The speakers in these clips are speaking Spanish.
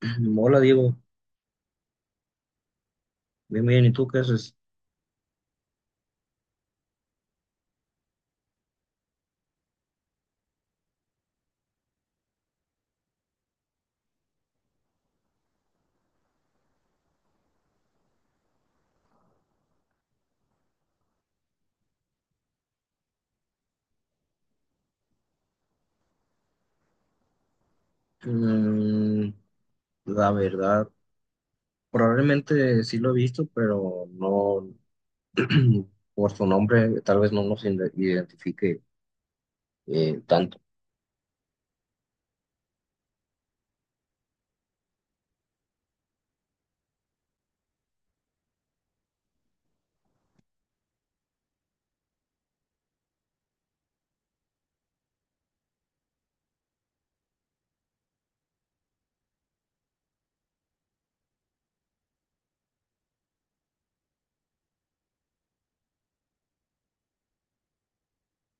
Hola Diego, bien, bien, ¿y tú qué haces? Mm, la verdad, probablemente sí lo he visto, pero no por su nombre, tal vez no nos identifique tanto.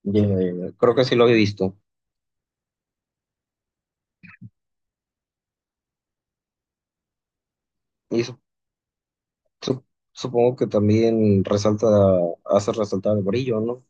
Creo que sí lo he visto. Y su- su- supongo que también resalta, hace resaltar el brillo, ¿no?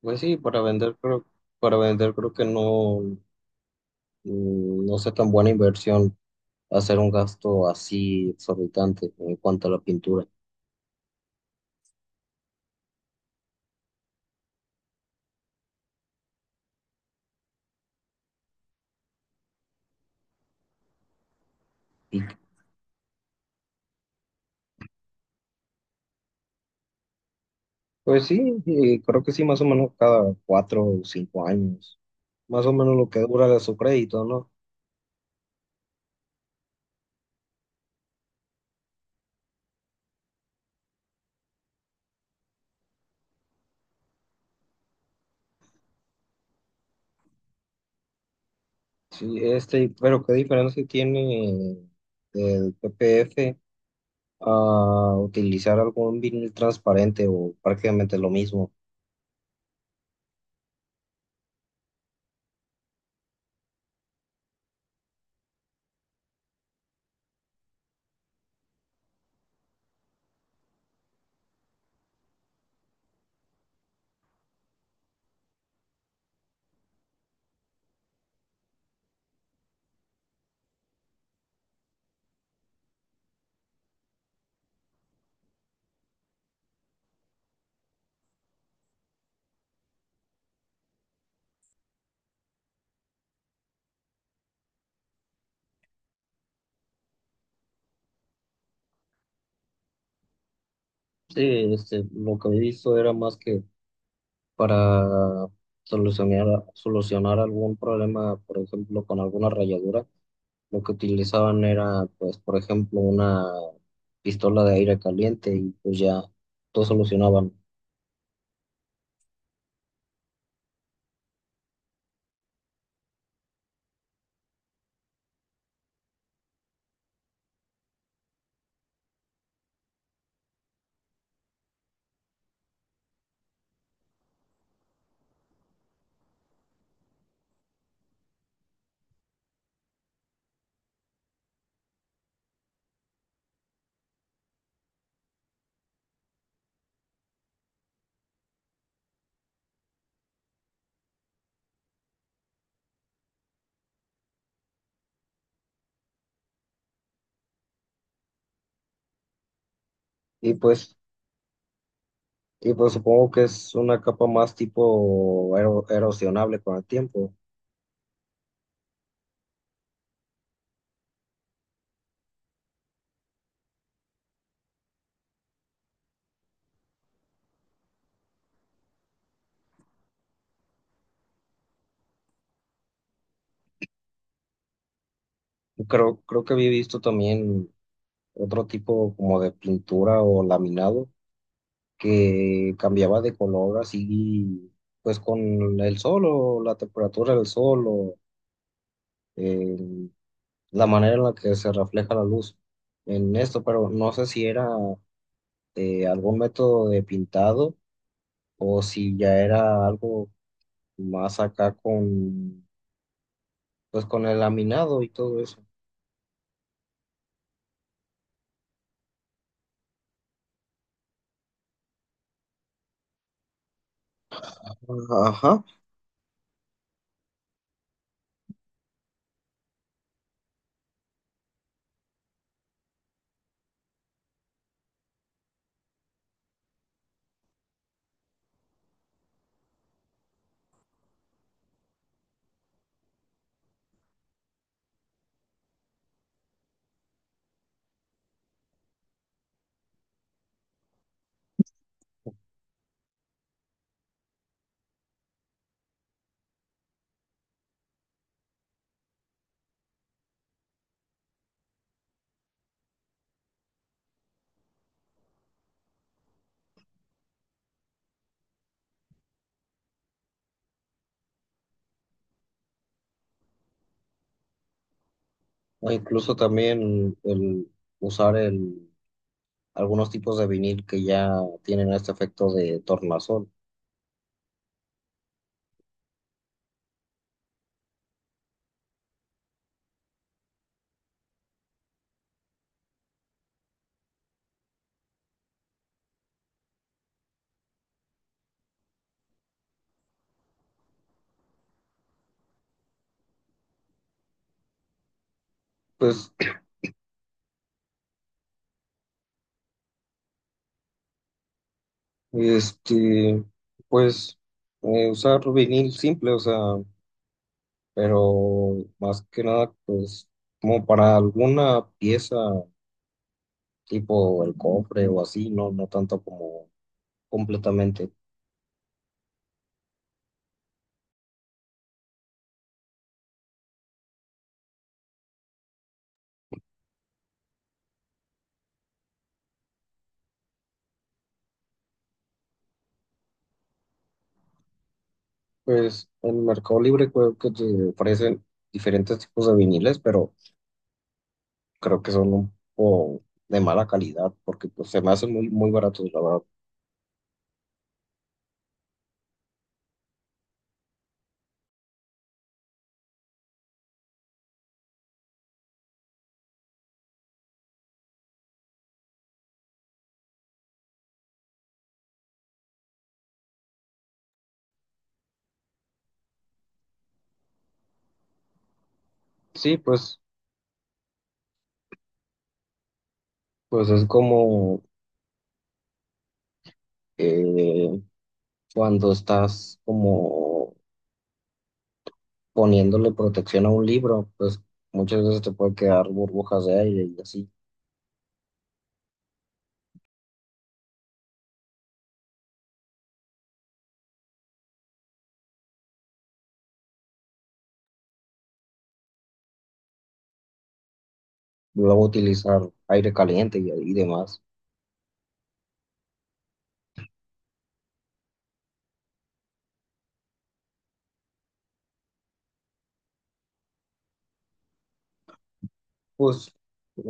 Pues sí, para vender creo que no, no sea tan buena inversión hacer un gasto así exorbitante en cuanto a la pintura. Pues sí, creo que sí, más o menos cada cuatro o cinco años, más o menos lo que dura de su crédito, ¿no? Sí, este, pero ¿qué diferencia tiene el PPF a utilizar algún vinil transparente o prácticamente lo mismo? Sí, este, lo que he visto era más que para solucionar, solucionar algún problema, por ejemplo, con alguna rayadura. Lo que utilizaban era, pues, por ejemplo, una pistola de aire caliente y pues ya todo solucionaban. Y pues, y pues supongo que es una capa más tipo erosionable con el tiempo. Creo, creo que había visto también otro tipo como de pintura o laminado que cambiaba de color así, pues con el sol o la temperatura del sol o eh, la manera en la que se refleja la luz en esto, pero no sé si era algún método de pintado o si ya era algo más acá con, pues con el laminado y todo eso. Ajá, o incluso también el usar el, algunos tipos de vinil que ya tienen este efecto de tornasol. Pues, este, pues usar vinil simple, o sea, pero más que nada, pues como para alguna pieza tipo el cofre o así, no, no tanto como completamente. Pues en Mercado Libre creo que te ofrecen diferentes tipos de viniles, pero creo que son un poco de mala calidad porque pues se me hacen muy, muy baratos, la verdad. Sí, pues, pues es como eh, cuando estás como poniéndole protección a un libro, pues muchas veces te puede quedar burbujas de aire y así. Luego utilizar aire caliente y demás. Pues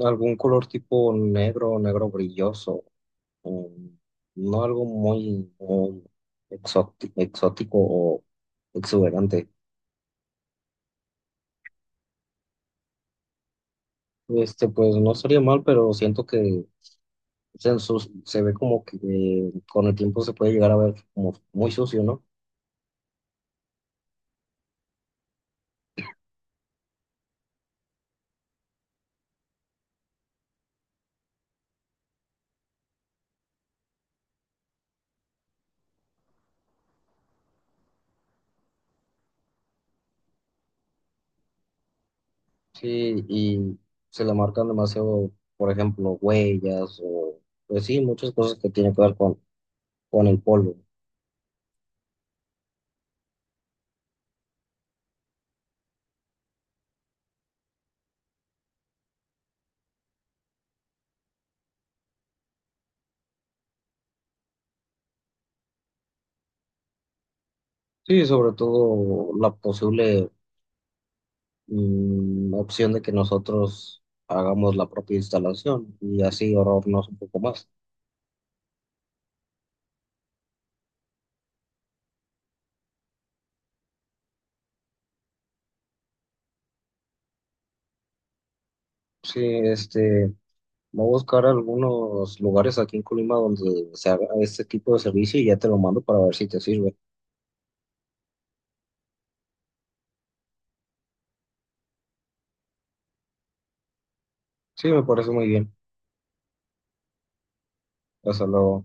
algún color tipo negro, negro brilloso, um, no algo muy, muy exótico o exuberante. Este, pues no sería mal, pero siento que se, se ve como que con el tiempo se puede llegar a ver como muy sucio, ¿no? Sí, y se le marcan demasiado, por ejemplo, huellas o, pues sí, muchas cosas que tienen que ver con el polvo. Sí, sobre todo la posible opción de que nosotros hagamos la propia instalación y así ahorrarnos un poco más. Sí, este, voy a buscar algunos lugares aquí en Colima donde se haga este tipo de servicio y ya te lo mando para ver si te sirve. Sí, me parece muy bien. Hasta luego.